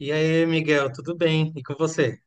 E aí, Miguel, tudo bem? E com você?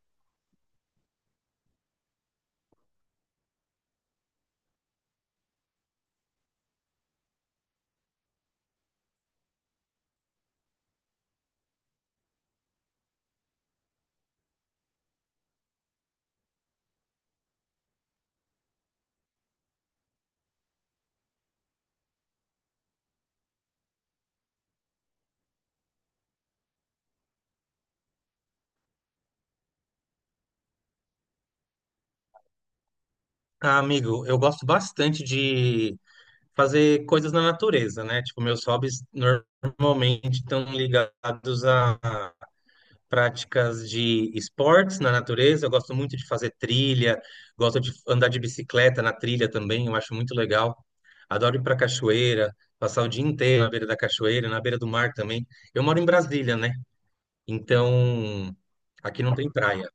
Ah, amigo, eu gosto bastante de fazer coisas na natureza, né? Tipo, meus hobbies normalmente estão ligados a práticas de esportes na natureza. Eu gosto muito de fazer trilha, gosto de andar de bicicleta na trilha também, eu acho muito legal. Adoro ir para cachoeira, passar o dia inteiro na beira da cachoeira, na beira do mar também. Eu moro em Brasília, né? Então, aqui não tem praia.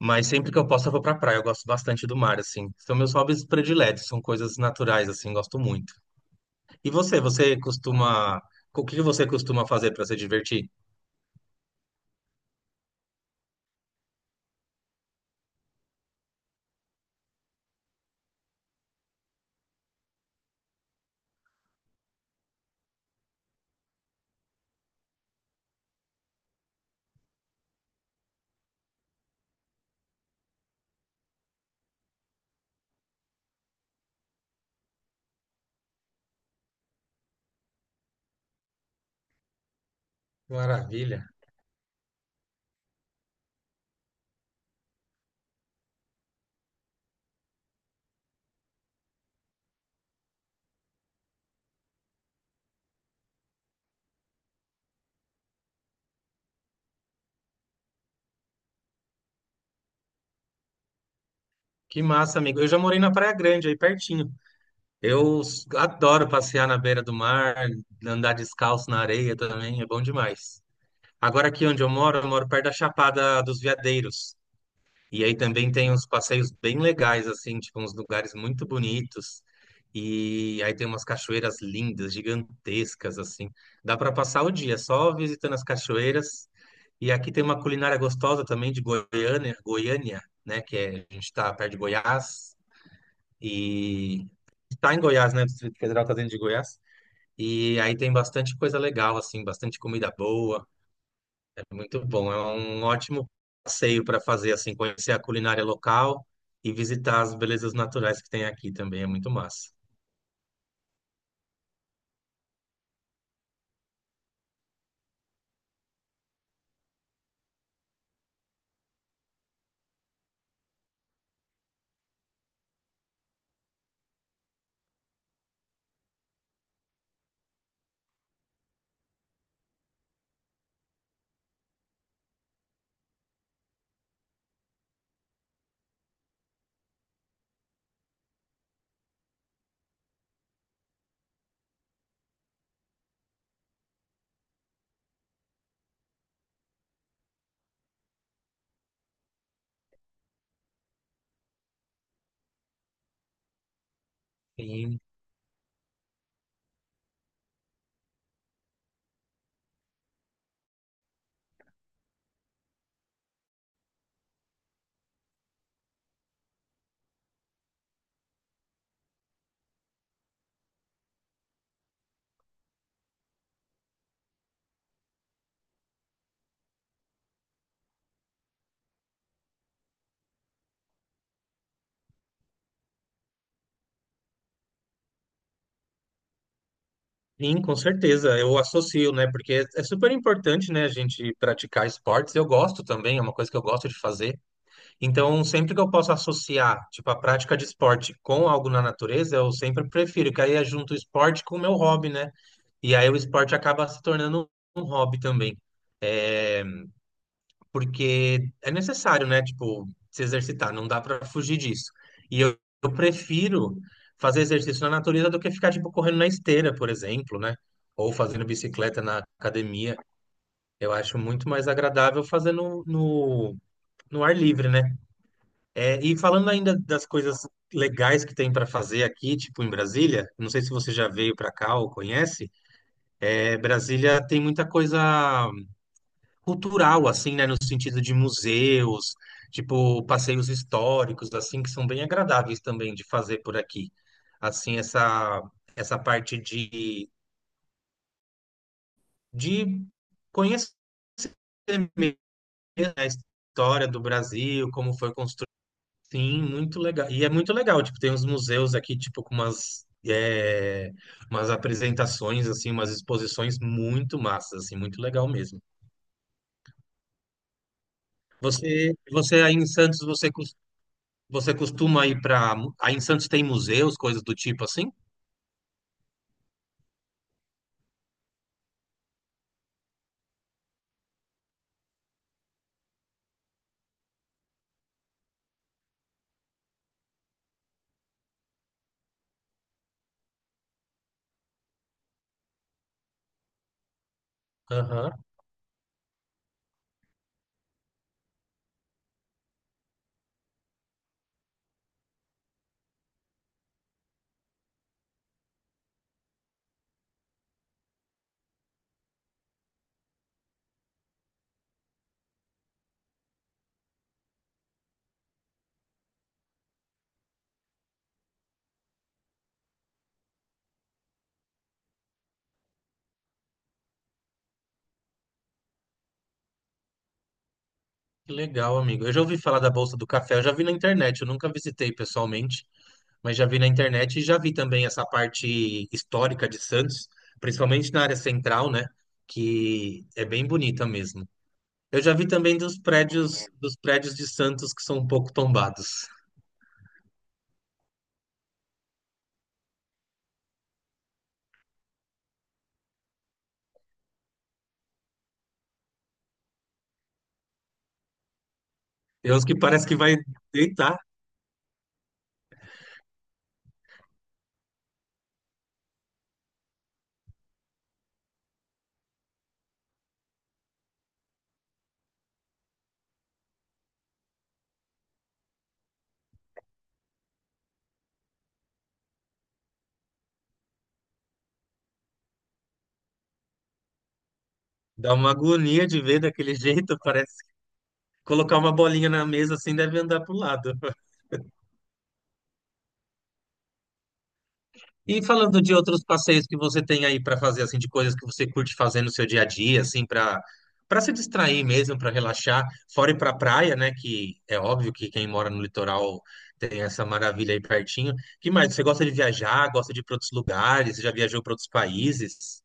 Mas sempre que eu posso, eu vou pra praia. Eu gosto bastante do mar, assim. São meus hobbies prediletos, são coisas naturais, assim, gosto muito. E você, você costuma. O que você costuma fazer pra se divertir? Maravilha. Que massa, amigo. Eu já morei na Praia Grande, aí pertinho. Adoro passear na beira do mar, andar descalço na areia também, é bom demais. Agora aqui onde eu moro perto da Chapada dos Veadeiros. E aí também tem uns passeios bem legais, assim, tipo, uns lugares muito bonitos. E aí tem umas cachoeiras lindas, gigantescas, assim. Dá para passar o dia só visitando as cachoeiras. E aqui tem uma culinária gostosa também de Goiânia, né? Que é, a gente está perto de Goiás e está em Goiás, né? O Distrito Federal está dentro de Goiás. E aí tem bastante coisa legal, assim, bastante comida boa. É muito bom, é um ótimo passeio para fazer, assim, conhecer a culinária local e visitar as belezas naturais que tem aqui também, é muito massa. Sim, sim, com certeza, eu associo, né? Porque é super importante, né, a gente praticar esportes. Eu gosto também, é uma coisa que eu gosto de fazer. Então, sempre que eu posso associar, tipo, a prática de esporte com algo na natureza, eu sempre prefiro, que aí eu junto o esporte com o meu hobby, né? E aí o esporte acaba se tornando um hobby também. É, porque é necessário, né? Tipo, se exercitar, não dá pra fugir disso. E eu prefiro fazer exercício na natureza do que ficar, tipo, correndo na esteira, por exemplo, né? Ou fazendo bicicleta na academia. Eu acho muito mais agradável fazer no ar livre, né? É, e falando ainda das coisas legais que tem pra fazer aqui, tipo, em Brasília, não sei se você já veio pra cá ou conhece, é, Brasília tem muita coisa cultural, assim, né? No sentido de museus, tipo, passeios históricos, assim, que são bem agradáveis também de fazer por aqui. Assim, essa parte de conhecer mesmo a história do Brasil, como foi construído. Sim, muito legal. E é muito legal, tipo, tem uns museus aqui, tipo, com umas, é, umas apresentações, assim, umas exposições muito massas, assim, muito legal mesmo. Você, você aí em Santos, você Você costuma ir para. Aí em Santos tem museus, coisas do tipo assim? Aham, que legal, amigo. Eu já ouvi falar da Bolsa do Café, eu já vi na internet, eu nunca visitei pessoalmente, mas já vi na internet e já vi também essa parte histórica de Santos, principalmente na área central, né? Que é bem bonita mesmo. Eu já vi também dos prédios de Santos que são um pouco tombados. Tem uns que parece que vai deitar, dá uma agonia de ver daquele jeito, parece. Colocar uma bolinha na mesa assim deve andar pro lado. E falando de outros passeios que você tem aí para fazer, assim, de coisas que você curte fazer no seu dia a dia, assim, para se distrair mesmo, para relaxar, fora ir para praia, né? Que é óbvio que quem mora no litoral tem essa maravilha aí pertinho. Que mais? Você gosta de viajar? Gosta de ir para outros lugares? Já viajou para outros países?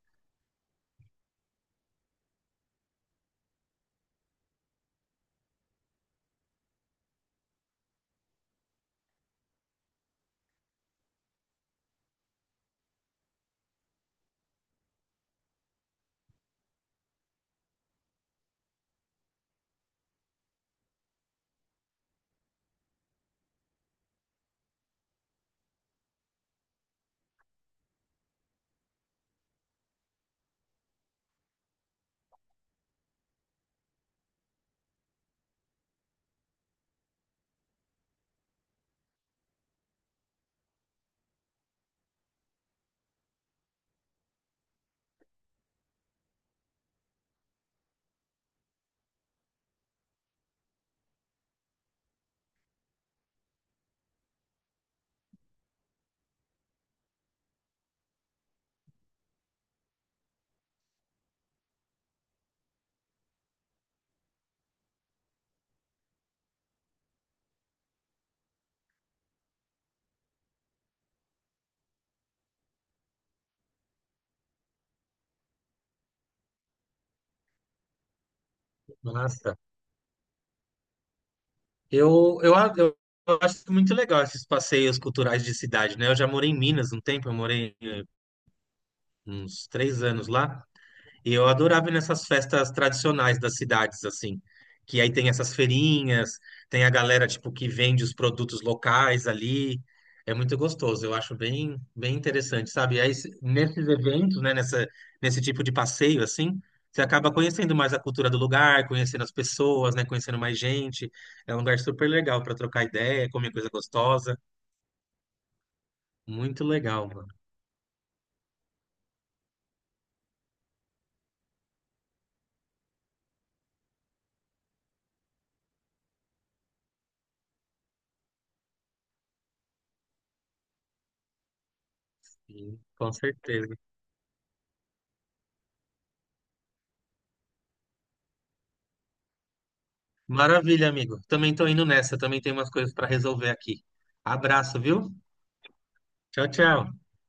Nossa, eu acho muito legal esses passeios culturais de cidade, né? Eu já morei em Minas um tempo, eu morei uns 3 anos lá. E eu adorava ir nessas festas tradicionais das cidades, assim, que aí tem essas feirinhas, tem a galera, tipo, que vende os produtos locais ali. É muito gostoso, eu acho bem, bem interessante, sabe? E aí, nesses eventos, né, nessa, nesse tipo de passeio, assim, você acaba conhecendo mais a cultura do lugar, conhecendo as pessoas, né, conhecendo mais gente. É um lugar super legal para trocar ideia, comer coisa gostosa. Muito legal, mano. E, com certeza. Maravilha, amigo. Também tô indo nessa, também tem umas coisas para resolver aqui. Abraço, viu? Tchau, tchau.